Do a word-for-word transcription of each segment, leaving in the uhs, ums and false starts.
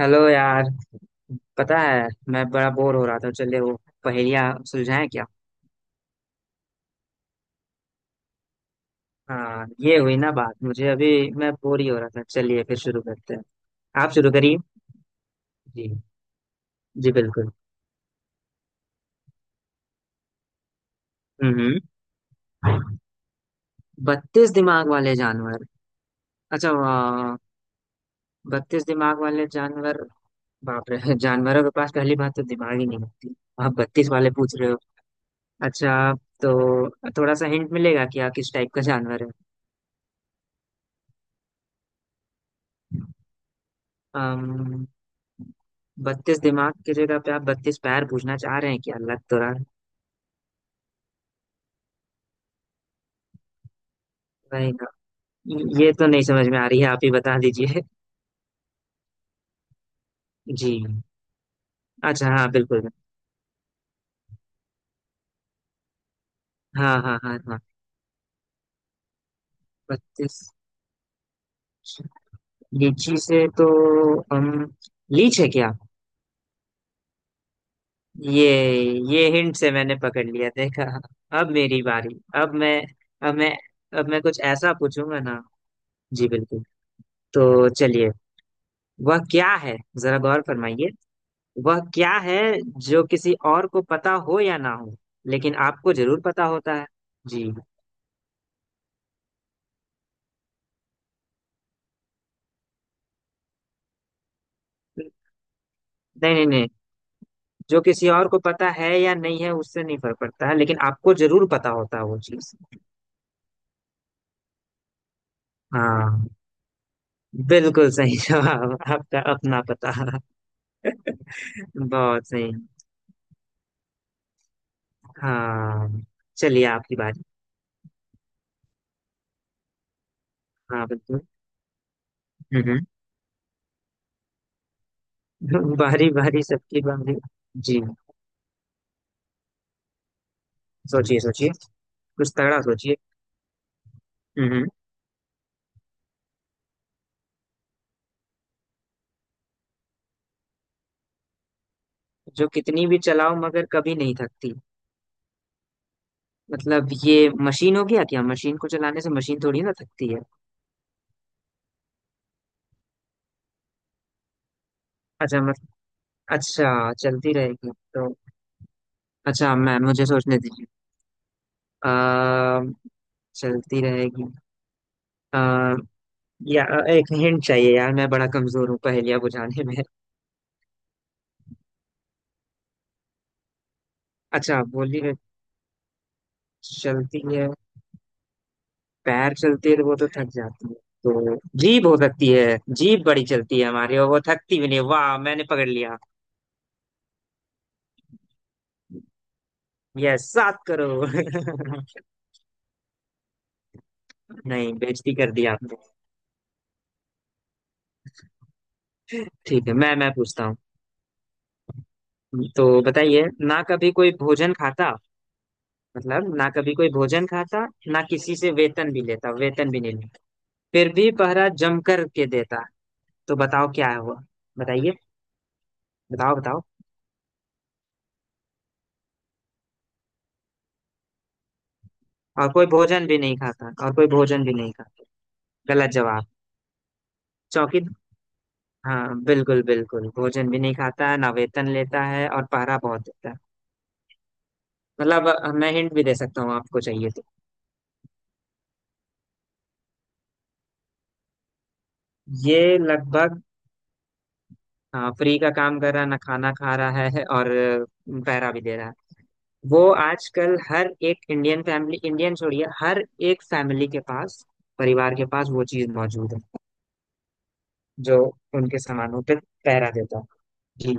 Hello यार। पता है मैं बड़ा बोर हो रहा था। चलिए वो पहेलियाँ सुलझाएं क्या। हाँ, ये हुई ना बात। मुझे अभी मैं बोर ही हो रहा था। चलिए फिर शुरू करते हैं। आप शुरू करिए। जी। जी बिल्कुल। हम्म। हम्म। बत्तीस दिमाग वाले जानवर। अच्छा वाह। बत्तीस दिमाग वाले जानवर। बाप रे। जानवरों के पास पहली बात तो दिमाग ही नहीं होती। आप बत्तीस वाले पूछ रहे हो। अच्छा। तो थोड़ा सा हिंट मिलेगा कि आप किस टाइप का जानवर है। बत्तीस दिमाग की जगह पे आप बत्तीस पैर पूछना चाह रहे हैं क्या। लग तो रहा है रहेगा। ये तो नहीं समझ में आ रही है। आप ही बता दीजिए। जी। अच्छा, हाँ बिल्कुल। हाँ हाँ हाँ हाँ। बत्तीस। लीची से तो हम लीच है क्या। ये ये हिंट से मैंने पकड़ लिया देखा। अब मेरी बारी। अब मैं अब मैं अब मैं कुछ ऐसा पूछूंगा ना। जी बिल्कुल। तो चलिए। वह क्या है, जरा गौर फरमाइए। वह क्या है जो किसी और को पता हो या ना हो, लेकिन आपको जरूर पता होता है। जी। नहीं नहीं नहीं। जो किसी और को पता है या नहीं है उससे नहीं फर्क पड़ता है, लेकिन आपको जरूर पता होता है वो चीज। हाँ, बिल्कुल सही जवाब। आपका अपना पता। बहुत सही। हाँ। चलिए आपकी बारी। हाँ बिल्कुल। हम्म। हम्म। बारी बारी सबकी बारी। जी। सोचिए सोचिए। कुछ तगड़ा सोचिए। हम्म। हम्म। जो कितनी भी चलाओ, मगर कभी नहीं थकती। मतलब ये मशीन हो गया क्या? मशीन को चलाने से मशीन थोड़ी ना थकती है। अच्छा मतलब। अच्छा चलती रहेगी तो। अच्छा मैम, मुझे सोचने दीजिए। आ, चलती रहेगी। आ, या एक हिंट चाहिए यार, मैं बड़ा कमजोर हूँ पहेलियाँ बुझाने में। अच्छा, बोली में चलती है। पैर चलती है तो वो तो थक जाती है तो। जीभ हो सकती है। जीभ बड़ी चलती है हमारी और वो थकती भी नहीं। वाह, मैंने पकड़ लिया। यस सात करोड़। नहीं, बेइज्जती कर दी आपने। ठीक है, मैं मैं पूछता हूँ। तो बताइए ना कभी कोई भोजन खाता। मतलब ना कभी कोई भोजन खाता, ना किसी से वेतन भी लेता, वेतन भी नहीं लेता, फिर भी पहरा जम कर के देता। तो बताओ क्या है वो। बताइए। बताओ बताओ। और कोई भोजन भी नहीं खाता। और कोई भोजन भी नहीं खाता। गलत जवाब। चौकी। हाँ बिल्कुल बिल्कुल। भोजन भी नहीं खाता है, ना वेतन लेता है, और पहरा बहुत देता है। मतलब मैं हिंट भी दे सकता हूँ, आपको चाहिए तो। ये लगभग। हाँ, फ्री का काम कर रहा है, ना खाना खा रहा है, और अ, पैरा भी दे रहा है। वो आजकल हर एक इंडियन फैमिली। इंडियन छोड़िए, हर एक फैमिली के पास, परिवार के पास वो चीज मौजूद है, जो उनके सामानों पे पैरा देता है। जी।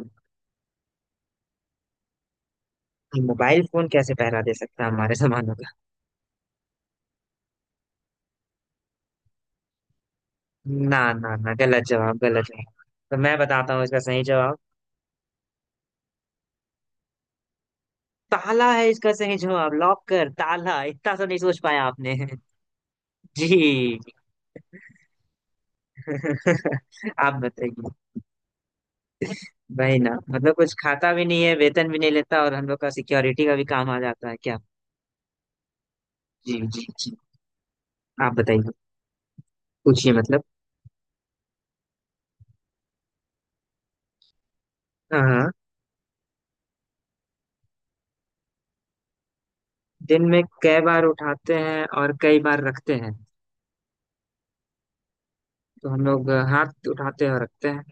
ये मोबाइल फोन कैसे पैरा दे सकता है हमारे सामानों का। ना ना ना, गलत जवाब, गलत जवाब। तो मैं बताता हूँ इसका सही जवाब। ताला है इसका सही जवाब। लॉकर। ताला इतना तो नहीं सोच पाया आपने। जी। आप बताइए। वही ना मतलब। कुछ खाता भी नहीं है, वेतन भी नहीं लेता, और हम लोग का सिक्योरिटी का भी काम आ जाता है क्या। जी जी जी। आप बताइए। पूछिए मतलब। हाँ। दिन में कई बार उठाते हैं और कई बार रखते हैं, तो हम लोग हाथ उठाते हैं और रखते हैं।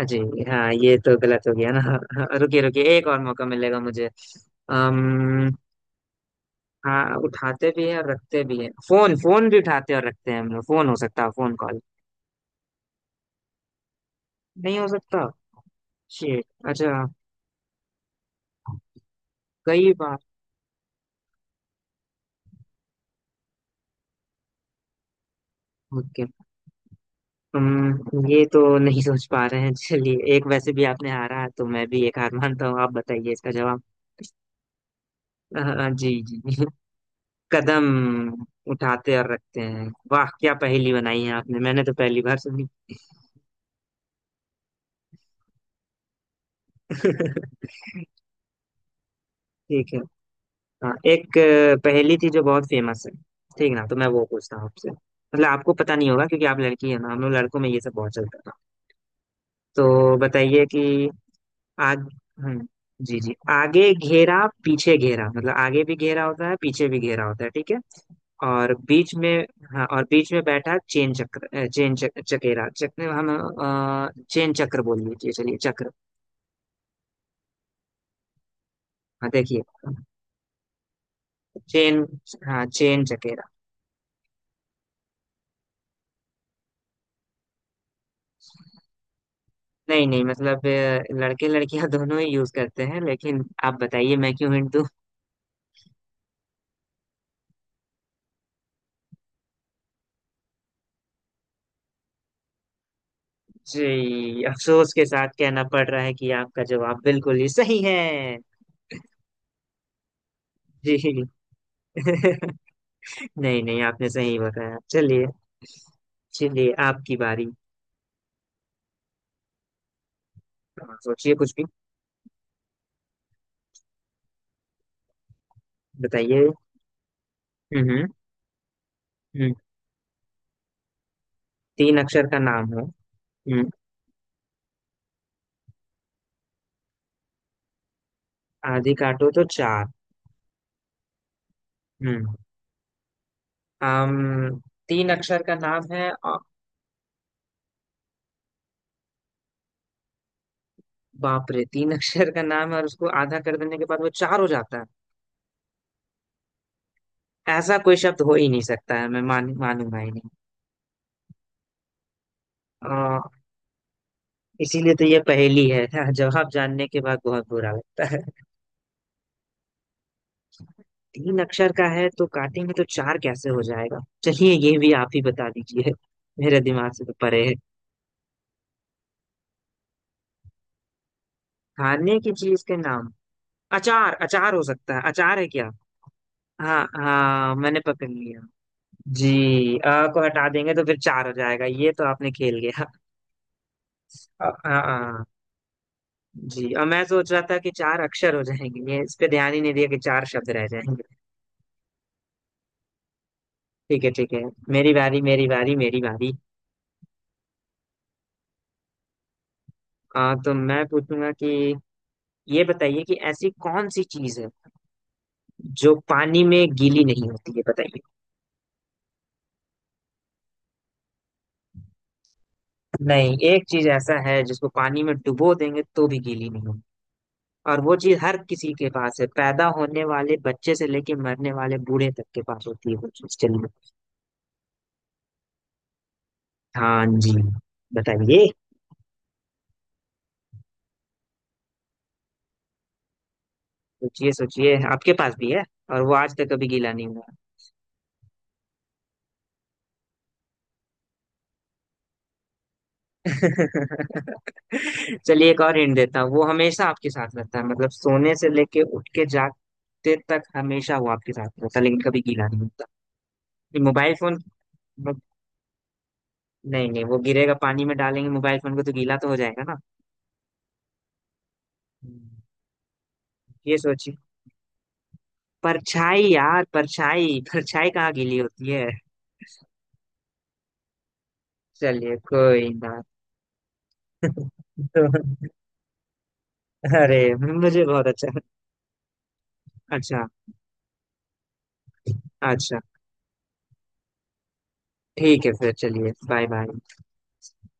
अजी। हाँ ये तो गलत हो गया ना। हाँ, रुकिए रुकिए, एक और मौका मिलेगा मुझे। अम्म हाँ, उठाते भी है और रखते भी है। फोन। फोन भी उठाते हैं और रखते हैं हम लोग। फोन हो सकता है। Phone call. नहीं हो सकता। शिट। अच्छा। कई बार। ओके। हम्म ये तो नहीं सोच पा रहे हैं। चलिए, एक वैसे भी आपने हारा तो मैं भी एक हार मानता हूँ। आप बताइए इसका जवाब। अ, जी जी। कदम। उठाते और रखते हैं। वाह, क्या पहेली बनाई है आपने, मैंने तो पहली बार सुनी। ठीक है। हाँ, एक अ, पहेली थी जो बहुत फेमस है। ठीक ना, तो मैं वो पूछता हूँ आपसे। मतलब आपको पता नहीं होगा, क्योंकि आप लड़की है ना, हम लोग लड़कों में ये सब बहुत चलता था। तो बताइए कि। आग। हम्म। जी जी। आगे घेरा पीछे घेरा। मतलब आगे भी घेरा होता है, पीछे भी घेरा होता है, ठीक है। और बीच में। हाँ, और बीच में बैठा चेन चक्र। अ, चेन चक, चकेरा चक्र। हम अ, चेन चक्र बोल लीजिए। चलिए चक्र। हाँ देखिए। चेन। हाँ, चेन चकेरा। नहीं नहीं, मतलब अ, लड़के लड़कियां दोनों ही यूज करते हैं। लेकिन आप बताइए, मैं क्यों हिंट दूं। जी। अफसोस के साथ कहना पड़ रहा है कि आपका जवाब बिल्कुल ही सही है। जी। नहीं नहीं, आपने सही बताया। चलिए। चलिए आपकी बारी। हाँ, सोचिए कुछ भी। बताइए। हम्म। हम्म। तीन अक्षर का नाम है। हम्म। आधी काटो तो चार। हम्म। आम। तीन अक्षर का नाम है, और बाप रे तीन अक्षर का नाम है और उसको आधा कर देने के बाद वो चार हो जाता है। ऐसा कोई शब्द हो ही नहीं सकता है, मैं मान मानूंगा ही नहीं। आ, इसीलिए तो ये पहेली है। जवाब जानने के बाद बहुत बुरा लगता है। तीन अक्षर का है तो काटेंगे तो चार कैसे हो जाएगा। चलिए ये भी आप ही बता दीजिए। मेरे दिमाग से तो परे है। खाने की चीज के नाम। अचार। अचार हो सकता है। अचार है क्या? हाँ हाँ, मैंने पकड़ लिया। जी। अ को हटा देंगे तो फिर चार हो जाएगा। ये तो आपने खेल गया। अ, हाँ हाँ। जी, और मैं सोच रहा था कि चार अक्षर हो जाएंगे, ये इस पे ध्यान ही नहीं दिया कि चार शब्द रह जाएंगे। ठीक है, ठीक है। मेरी बारी, मेरी बारी, मेरी बारी। आ, तो मैं पूछूंगा कि ये बताइए कि ऐसी कौन सी चीज है जो पानी में गीली नहीं होती है। बताइए। नहीं, एक चीज ऐसा है जिसको पानी में डुबो देंगे तो भी गीली नहीं होगी। और वो चीज हर किसी के पास है, पैदा होने वाले बच्चे से लेके मरने वाले बूढ़े तक के पास होती है वो चीज। चलिए। हाँ जी। बताइए। सोचिए सोचिए, आपके पास भी है। और वो आज तक कभी गीला नहीं हुआ। चलिए एक और हिंट देता हूँ। वो हमेशा आपके साथ रहता है, मतलब सोने से लेके उठ के जागते तक हमेशा वो आपके साथ रहता है, लेकिन कभी गीला नहीं होता। ये मोबाइल फोन? नहीं नहीं, वो गिरेगा, पानी में डालेंगे मोबाइल फोन को तो गीला तो हो जाएगा ना। हम्म, ये सोचिए। परछाई यार, परछाई। परछाई कहाँ गीली होती है। चलिए कोई ना। तो। अरे, मुझे बहुत अच्छा। अच्छा। अच्छा। ठीक है फिर चलिए, बाय बाय।